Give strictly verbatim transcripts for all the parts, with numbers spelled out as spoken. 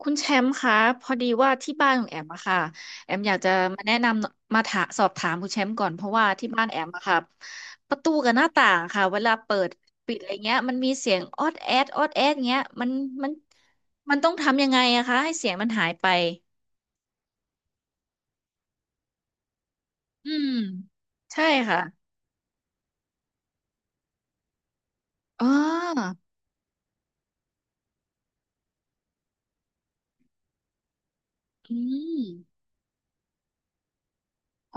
คุณแชมป์คะพอดีว่าที่บ้านของแอมอะค่ะแอมอยากจะมาแนะนำมาถาสอบถามคุณแชมป์ก่อนเพราะว่าที่บ้านแอมอะค่ะประตูกับหน้าต่างค่ะเวลาเปิดปิดอะไรเงี้ยมันมีเสียงออดแอดออดแอดเงี้ยมันมันมันต้องทำยังไงอะคะให้เสียงมันหายไปอืมใช่ค่ะอ๋ออืม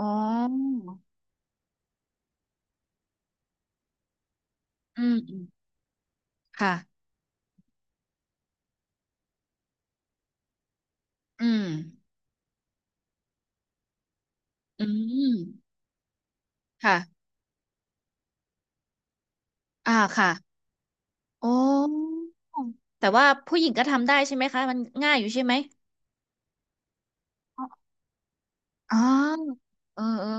อ๋ออืมอืมค่ะอืมอืมค่ะอ่าค่ะ อ๋อแต่ว่าผู้หญิงก็ทำได้ใช่ไหมคะมันง่ายอยู่ใช่ไหมอ๋ออ๋อเออเออ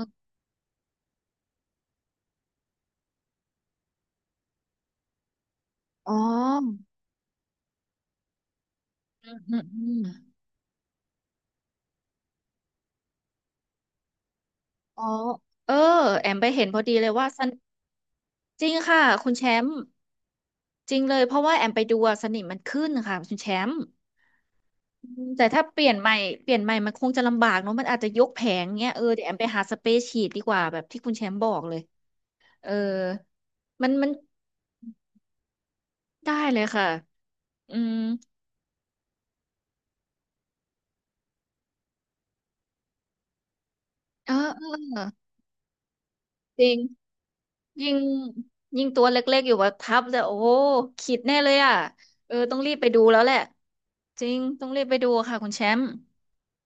อ๋ออืมอืมอืมอ๋อเออแอมไปเห็นพอดีเลยว่าสนจริงค่ะคุณแชมป์จริงเลยเพราะว่าแอมไปดูอะสนิมมันขึ้นค่ะคุณแชมป์อืมแต่ถ้าเปลี่ยนใหม่เปลี่ยนใหม่มันคงจะลำบากเนอะมันอาจจะยกแผงเงี้ยเออเดี๋ยวแอมไปหาสเปรย์ฉีดดีกว่าแบบที่คุณแชมป์บอกเลยเออมันมันได้เลยค่ะอืม เออเออเออจริงยิ่งยิ่งตัวเล็กๆอยู่ว่าทับแต่โอ้โหขีดแน่เลยอ่ะเออต้องรีบไปดูแล้วแหละจริงต้องรีบไปดูค่ะคุณแชมป์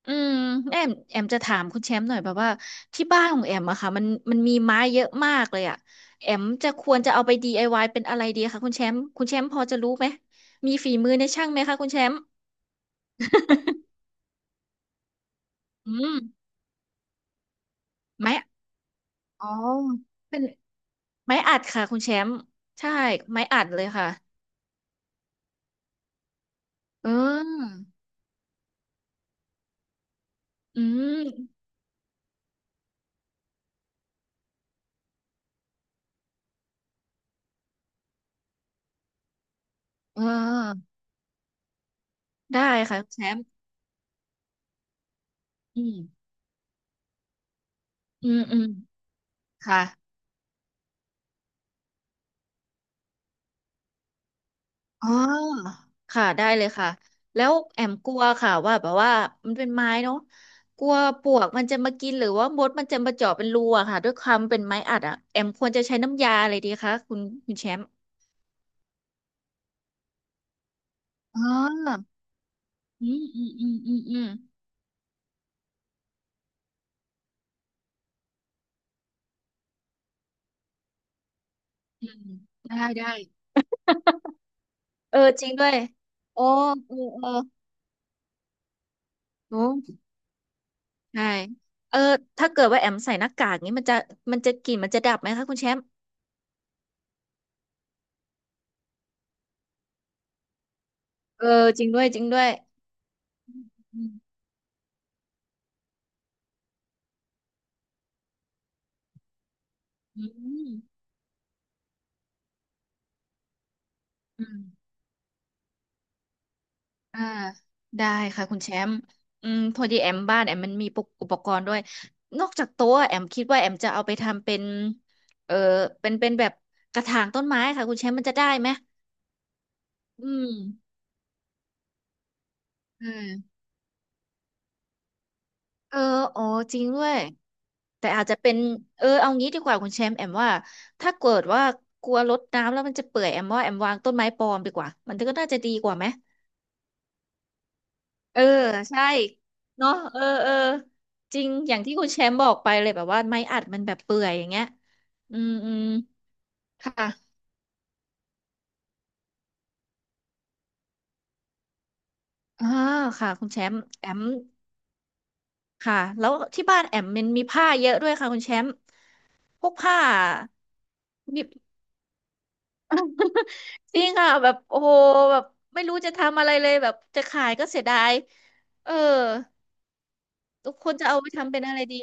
อืมแอมแอมจะถามคุณแชมป์หน่อยแบบว่าที่บ้านของแอมอะค่ะมันมันมีไม้เยอะมากเลยอ่ะแอมจะควรจะเอาไป ดี ไอ วาย เป็นอะไรดีคะคุณแชมป์คุณแชมป์พอจะรู้ไหมมีฝีมือในช่างไหมคะคุณแชมป์อืมไม้อ๋อเป็นไม้อัดค่ะคุณแชมป์ใช่ไม้อัดเลยค่ะเออ อืมเออได้ค่ะคุณแชมป์อืมอืมอืมค่ะอ๋อค่ะได้เลยค่ะแล้วแอมกลัวค่ะว่าแบบว่ามันเป็นไม้เนาะกลัวปลวกมันจะมากินหรือว่ามดมันจะมาเจาะเป็นรูอะค่ะด้วยความเป็นไม้อัดอะแอมควรจะใช้น้ำยาอะไรดีคะคุณคุณแชมป์อ๋ออืมอืมอืมอืมอืมอืมได้ได้เออจริงด้วยโอ้เออเออโอ้ ใช่เออถ้าเกิดว่าแอมใส่หน้ากากนี้มันจะมันจะกลิ่นมันจะดับไหมคะคุณแชมป์เออจริงด้วยจริงด้วยอืมอืมอืมอ่าได้ค่ะคุณแชมป์อืมพอดีแอมบ้านแอมมันมีปุกอุปกรณ์ด้วยนอกจากโต๊ะแอมคิดว่าแอมจะเอาไปทำเป็นเออเป็นเป็นแบบกระถางต้นไม้ค่ะคุณแชมป์มันจะได้ไหมอืมเอื เอออ๋อจริงด้วยแต่อาจจะเป็นเออเอางี้ดีกว่าคุณแชมป์แอมว่าถ้าเกิดว่ากลัวรดน้ำแล้วมันจะเปื่อยแอมว่าแอมวางต้นไม้ปลอมดีกว่ามันก็น่าจะดีกว่าไหมเออใช่เนาะเออเออจริงอย่างที่คุณแชมป์บอกไปเลยแบบว่าไม้อัดมันแบบเปื่อยอย่างเงี้ยอืมอืมค่ะอ่าค่ะคุณแชมป์แอมค่ะแล้วที่บ้านแอมมันมีผ้าเยอะด้วยค่ะคุณแชมป์พวกผ้า จริงอ่ะแบบโอ้โหแบบไม่รู้จะทำอะไรเลยแบบจะขายก็เสียดายเออทุกคนจะเอาไปทำเป็นอะไรดี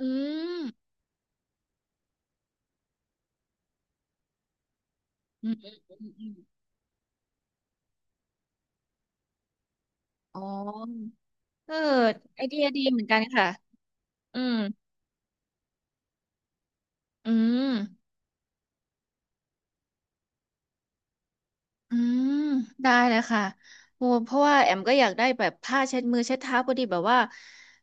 อืมอืมอืมอืมอมอ๋อเออไอเดียดีเหมือนกันค่ะอืมอืมอืมได้เลยค่ะโอ้เพราะว่าแอมก็อยากได้แบบผ้าเช็ดมือเช็ดเท้าพอดีแบบว่า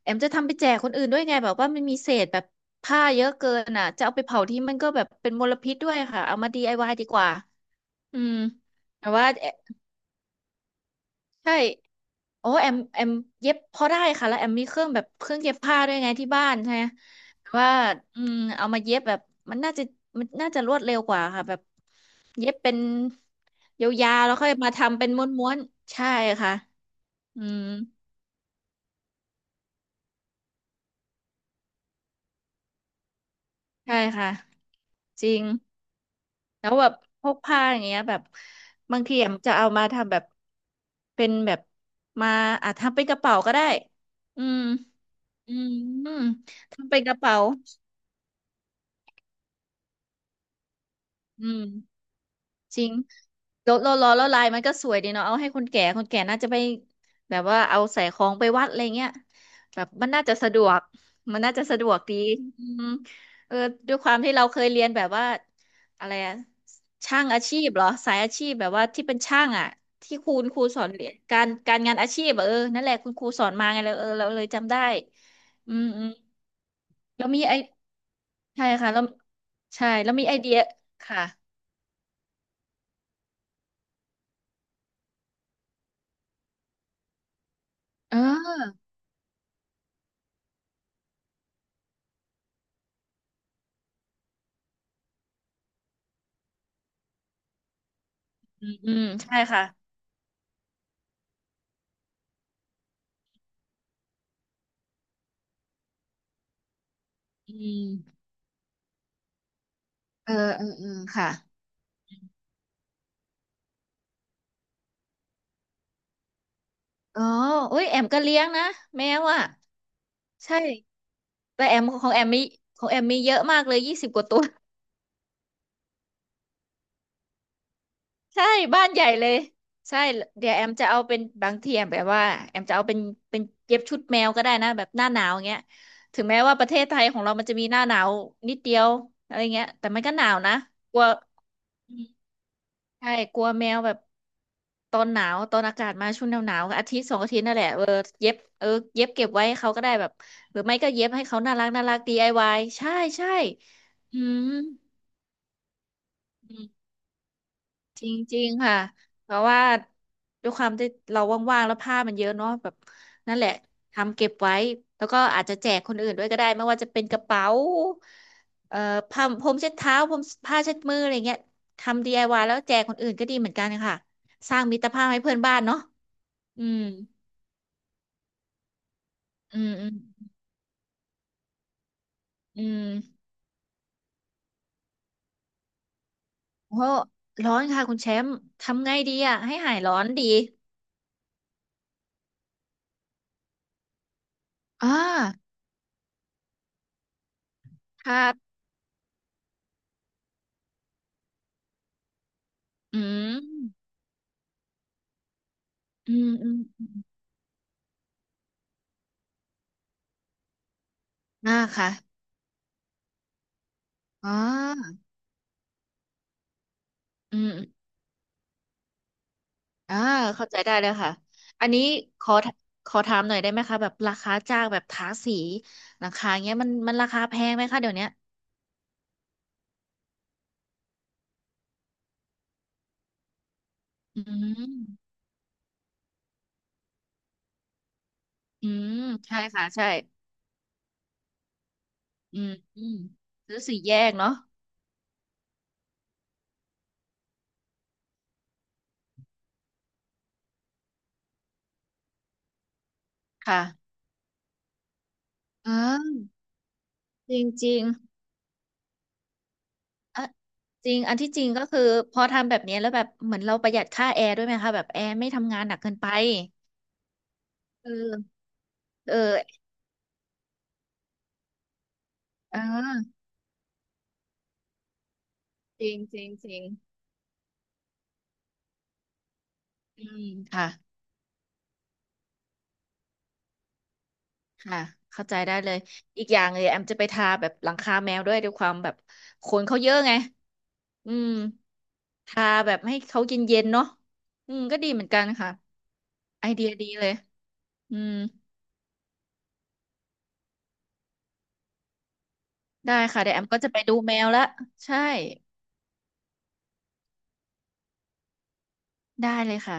แอมจะทำไปแจกคนอื่นด้วยไงแบบว่ามันมีเศษแบบผ้าเยอะเกินอ่ะจะเอาไปเผาที่มันก็แบบเป็นมลพิษด้วยค่ะเอามาดีไอวายดีกว่า อืมแต่ว่าแอใช่โอ้แอมแอมเย็บพอได้ค่ะแล้วแอมมีเครื่องแบบเครื่องเย็บผ้าด้วยไงที่บ้านใช่ไหมแต่ว่าอืมเอามาเย็บแบบมันน่าจะมันน่าจะรวดเร็วกว่าค่ะแบบเย็บเป็นยาวๆแล้วค่อยมาทำเป็นม้วนๆใช่ค่ะอืมใช่ค่ะจริงแล้วแบบพวกผ้าอย่างเงี้ยแบบบางทีแอมจะเอามาทำแบบเป็นแบบมาอาจทำเป็นกระเป๋าก็ได้อืม อืมทำเป็นกระเป๋าอืมจริงแล้วลวล้แล้วลายมันก็สวยดีเนาะเอาให้คนแก่คนแก่น่าจะไปแบบว่าเอาใส่ของไปวัดอะไรเงี้ยแบบมันน่าจะสะดวกมันน่าจะสะดวกดีอืมเออด้วยความที่เราเคยเรียนแบบว่าอะไรอะช่างอาชีพเหรอสายอาชีพแบบว่าที่เป็นช่างอะที่ครูครูสอนเรียนการการงานอาชีพอะเออนั่นแหละคุณครูสอนมาไงเลยเออเราเลยจำได้อืมอืมแล้วมีไอ ใช่ค่ะแล้วใช่แล้วมีไอเดียค่ะเอออืมใช่ค่ะอืมเออเออเออค่ะอ๋ออุ้ยแอมก็เลี้ยงนะแมวอ่ะใช่แต่แอมของแอมมีของแอมมีเยอะมากเลยยี่สิบกว่าตัว ใช่บ้านใหญ่เลยใช่เดี๋ยวแอมจะเอาเป็นบางทีแอมแบบว่าแอมจะเอาเป็นเป็นเย็บชุดแมวก็ได้นะแบบหน้าหนาวอย่างเงี้ยถึงแม้ว่าประเทศไทยของเรามันจะมีหน้าหนาวนิดเดียวอะไรเงี้ยแต่มันก็หนาวนะกลัว ใช่กลัวแมวแบบตอนหนาว ตอนอากาศมาช่วงหนาวหนาวอาทิตย์สองอาทิตย์นั่นแหละเออเย็บเออเย็บเก็บไว้ให้เขาก็ได้แบบหรือไม่ก็เย็บให้เขาน่ารักน่ารัก ดี ไอ วาย ใช่ใช่อืม จริงๆค่ะเพราะว่าด้วยความที่เราว่างๆแล้วผ้ามันเยอะเนาะแบบนั่นแหละทำเก็บไว้แล้วก็อาจจะแจกคนอื่นด้วยก็ได้ไม่ว่าจะเป็นกระเป๋าเอ่อผ้าพรมเช็ดเท้าพรมผ้าเช็ดมืออะไรเงี้ยทำดี ไอ วาย แล้วแจกคนอื่นก็ดีเหมือนกันค่ะสร้างมิตรภาพให้เพื่อนบ้านเนาะอืมอืมอืมอืมโอ้ร้อนค่ะคุณแชมป์ทำไงดีอ่ะให้หายร้อนดีอ่าค้าอืมอืมอืมอ่าค่ะอ๋อ อืมอมอ่าเข้าใจได้เลยค่ะอันนี้ขอขอถามหน่อยได้ไหมคะแบบราคาจ้างแบบทาสีหลังคาเงี้ยมันมันราคาแพงไหมคะเดี๋ยวเนี้ยอืมอืมใช่ค่ะใช่อืมอืมซื้อสีแยกเนาะค่ะอ่าจริงจริงอ่ะจริงอันที่จริงก็คือพอทำแบบเนี้ยแล้วแบบเหมือนเราประหยัดค่าแอร์ด้วยไหมคะแบบแอร์ไม่ทำงานหนักเกินไปเออเออเออจริงจริงจริงอืมค่ะ ค่ะเข้าใจได้เลยอีกอย่างเลยแอมจะไปทาแบบหลังคาแมวด้วยด้วยความแบบขนเขาเยอะไงอืมทาแบบให้เขาเย็นๆเนาะอืมก็ดีเหมือนกันค่ะไอเดียดีเลยอืมได้ค่ะเดี๋ยวแอมก็จะไปดูแมวละใช่ได้เลยค่ะ